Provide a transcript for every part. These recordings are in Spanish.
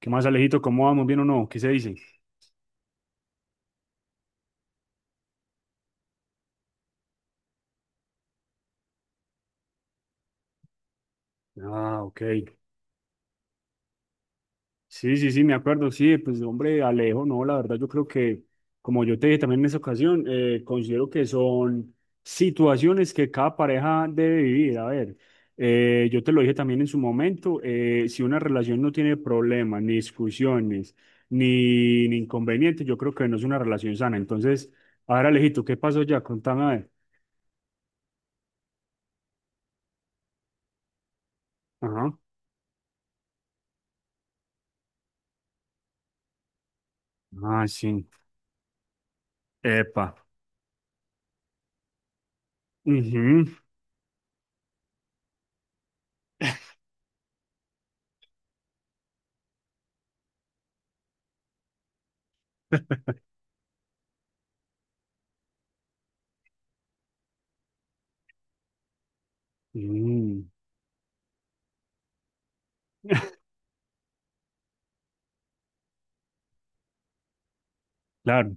¿Qué más, Alejito? ¿Cómo vamos? ¿Bien o no? ¿Qué se dice? Ah, ok. Sí, sí, sí, me acuerdo. Sí, pues hombre, Alejo, no, la verdad yo creo que, como yo te dije también en esa ocasión, considero que son situaciones que cada pareja debe vivir. A ver, yo te lo dije también en su momento, si una relación no tiene problemas, ni discusiones, ni inconvenientes, yo creo que no es una relación sana. Entonces, a ver, Alejito, ¿qué pasó ya? Contame a ver. Ajá. Ah, sí. Epa. Ujú. Mm, claro.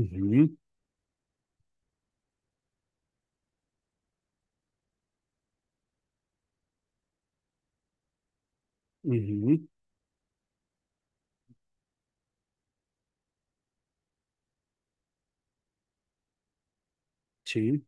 Ujú, ujú, sí,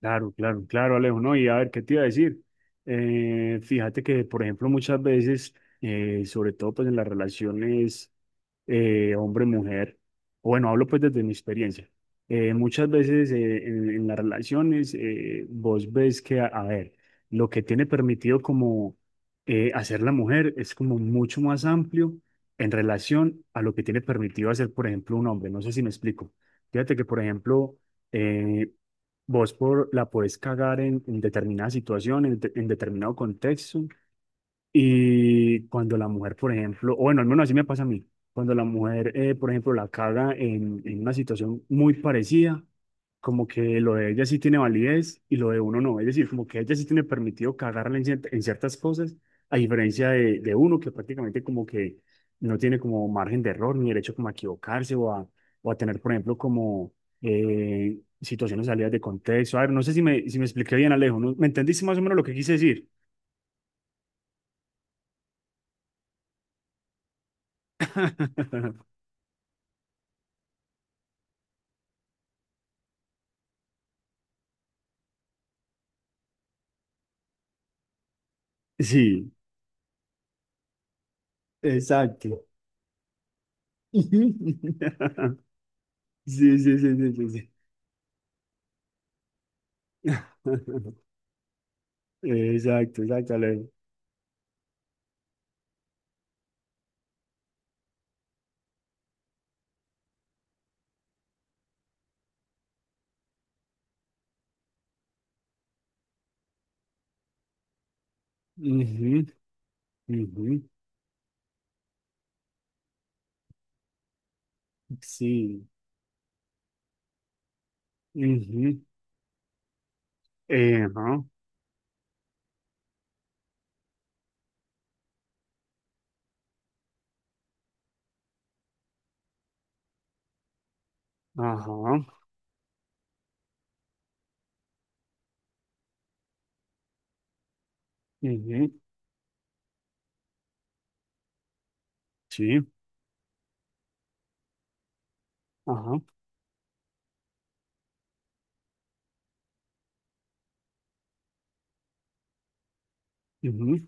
claro, claro, claro, Alejo, ¿no? Y a ver, ¿qué te iba a decir? Fíjate que, por ejemplo, muchas veces, sobre todo pues en las relaciones hombre, mujer, bueno, hablo pues desde mi experiencia. Muchas veces en las relaciones vos ves que, a ver, lo que tiene permitido como hacer la mujer es como mucho más amplio en relación a lo que tiene permitido hacer, por ejemplo, un hombre. No sé si me explico. Fíjate que, por ejemplo, eh, vos por, la podés cagar en determinada situación, en determinado contexto, y cuando la mujer, por ejemplo, o bueno, al menos así me pasa a mí, cuando la mujer, por ejemplo, la caga en una situación muy parecida, como que lo de ella sí tiene validez y lo de uno no. Es decir, como que ella sí tiene permitido cagarla en ciertas cosas, a diferencia de uno que prácticamente como que no tiene como margen de error ni derecho como a equivocarse o a tener, por ejemplo, como situaciones salidas de contexto. A ver, no sé si me expliqué bien, Alejo, ¿no? ¿Me entendiste más o menos lo que quise decir? Sí. Exacto. Sí, sí, sí, sí, sí, sí. Exacto, exacto. Ale. Ujú, ujú, sí, ujú, ajá, ajá, ujú, sí. Ajá. Ujú.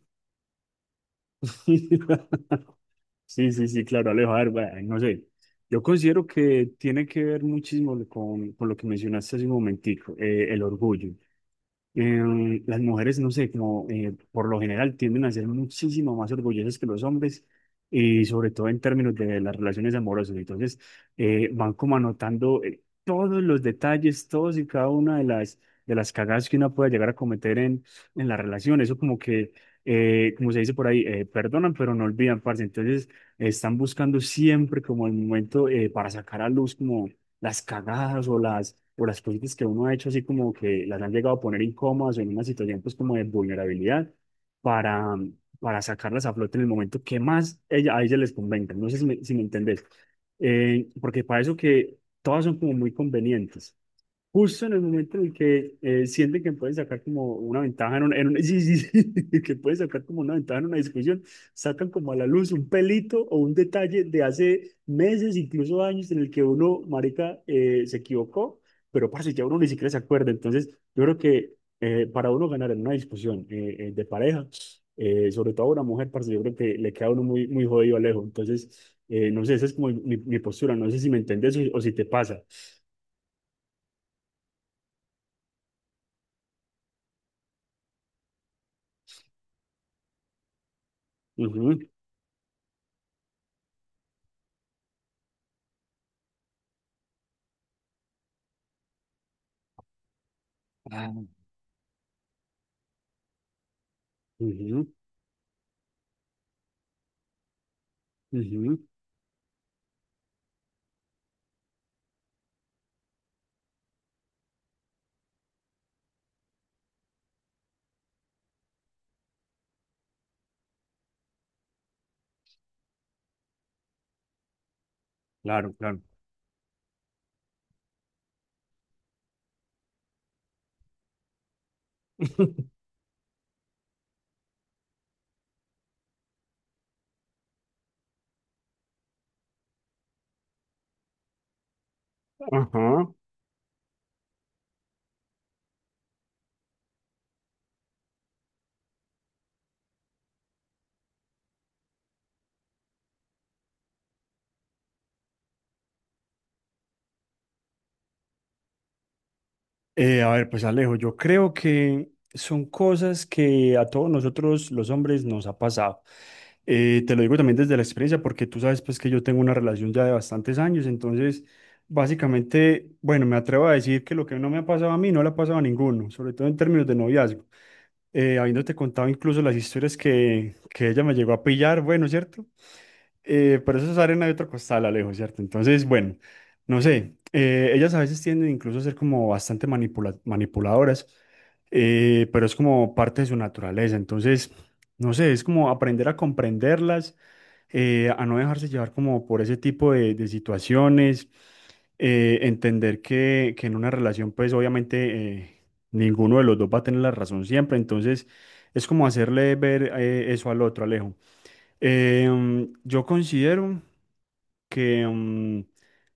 Sí, sí, sí, claro, Alejo. A ver, bueno, no sé. Yo considero que tiene que ver muchísimo con lo que mencionaste hace un momentico, el orgullo. Las mujeres, no sé, como por lo general tienden a ser muchísimo más orgullosas que los hombres y sobre todo en términos de las relaciones amorosas. Entonces, van como anotando todos los detalles, todos y cada una de las cagadas que uno puede llegar a cometer en la relación. Eso como que, como se dice por ahí, perdonan, pero no olvidan, parce. Entonces, están buscando siempre como el momento para sacar a luz como las cagadas o las cositas que uno ha hecho así como que las han llegado a poner incómodas o en una situación pues como de vulnerabilidad para, para sacarlas a flote en el momento que más ella, a ella les convenga. No sé si me entendés. Porque para eso que todas son como muy convenientes. Justo en el momento en el que sienten que pueden sacar como una ventaja sí, sí, sí, que pueden sacar como una ventaja en una discusión, sacan como a la luz un pelito o un detalle de hace meses, incluso años, en el que uno, marica, se equivocó, pero parce, ya uno ni siquiera se acuerda. Entonces, yo creo que para uno ganar en una discusión de pareja, sobre todo a una mujer, parce, yo creo que le queda a uno muy, muy jodido lejos. Entonces, no sé, esa es como mi postura, no sé si me entiendes o si te pasa. Ujú. Ujú, ujú, claro, claro. Ajá. A ver, pues Alejo, yo creo que son cosas que a todos nosotros los hombres nos ha pasado. Te lo digo también desde la experiencia porque tú sabes pues que yo tengo una relación ya de bastantes años, entonces básicamente, bueno, me atrevo a decir que lo que no me ha pasado a mí no le ha pasado a ninguno, sobre todo en términos de noviazgo. Habiéndote contado incluso las historias que ella me llegó a pillar, bueno, ¿cierto? Pero eso es arena de otro costal, Alejo, ¿cierto? Entonces, bueno, no sé, ellas a veces tienden incluso a ser como bastante manipuladoras, pero es como parte de su naturaleza. Entonces, no sé, es como aprender a comprenderlas, a no dejarse llevar como por ese tipo de situaciones, entender que en una relación, pues obviamente ninguno de los dos va a tener la razón siempre. Entonces, es como hacerle ver eso al otro, Alejo. Yo considero que, mm,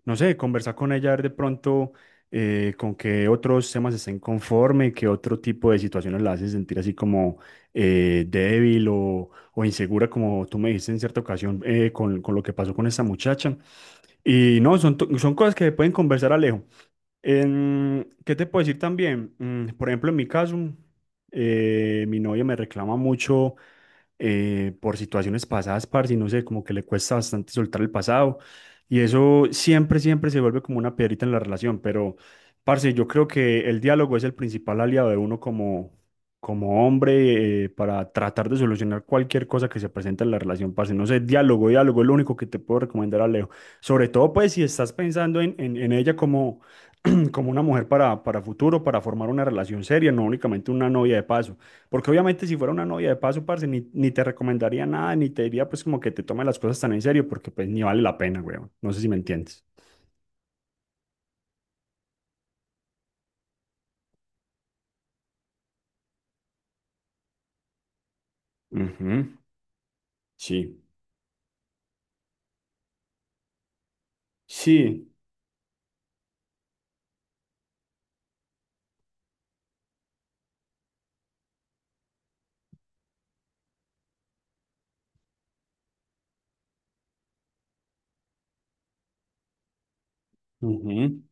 no sé, conversar con ella, ver de pronto con qué otros temas estén conforme, qué otro tipo de situaciones la hacen sentir así como débil o insegura, como tú me dijiste en cierta ocasión con lo que pasó con esa muchacha. Y no, son, son cosas que pueden conversar Alejo. En- ¿qué te puedo decir también? Mm, por ejemplo, en mi caso, mi novia me reclama mucho por situaciones pasadas, parce, y no sé, como que le cuesta bastante soltar el pasado. Y eso siempre, siempre se vuelve como una piedrita en la relación. Pero, parce, yo creo que el diálogo es el principal aliado de uno como, como hombre para tratar de solucionar cualquier cosa que se presente en la relación, parce. No sé, diálogo, diálogo es lo único que te puedo recomendar a Leo. Sobre todo, pues, si estás pensando en ella como como una mujer para futuro, para formar una relación seria, no únicamente una novia de paso. Porque obviamente si fuera una novia de paso, parce, ni, ni te recomendaría nada, ni te diría pues como que te tomes las cosas tan en serio, porque pues ni vale la pena, weón. No sé si me entiendes. Ujú, sí, sí, ujú.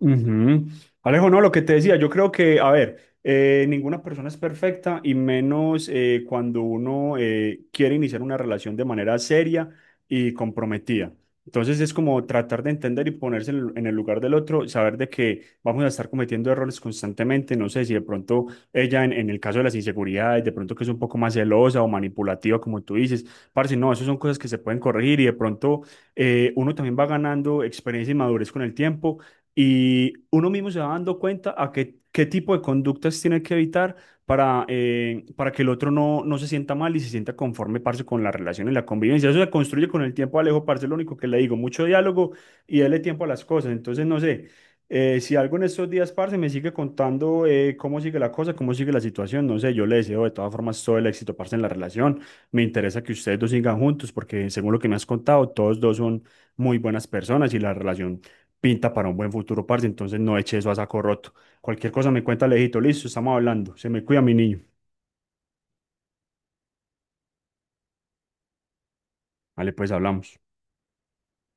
Ujú. Alejo, no, lo que te decía, yo creo que, a ver, ninguna persona es perfecta y menos cuando uno quiere iniciar una relación de manera seria y comprometida. Entonces es como tratar de entender y ponerse en el lugar del otro, saber de que vamos a estar cometiendo errores constantemente. No sé si de pronto ella, en el caso de las inseguridades, de pronto que es un poco más celosa o manipulativa, como tú dices, parce, no, eso son cosas que se pueden corregir y de pronto uno también va ganando experiencia y madurez con el tiempo y uno mismo se va dando cuenta a qué, qué tipo de conductas tiene que evitar para que el otro no, no se sienta mal y se sienta conforme, parce, con la relación y la convivencia. Eso se construye con el tiempo, Alejo, parce, lo único que le digo, mucho diálogo y darle tiempo a las cosas. Entonces, no sé, si algo en estos días, parce, me sigue contando cómo sigue la cosa, cómo sigue la situación, no sé, yo le deseo de todas formas todo el éxito, parce, en la relación. Me interesa que ustedes dos sigan juntos porque según lo que me has contado, todos dos son muy buenas personas y la relación pinta para un buen futuro, parce, entonces no eche eso a saco roto. Cualquier cosa me cuenta Alejito, listo, estamos hablando. Se me cuida mi niño. Vale, pues hablamos.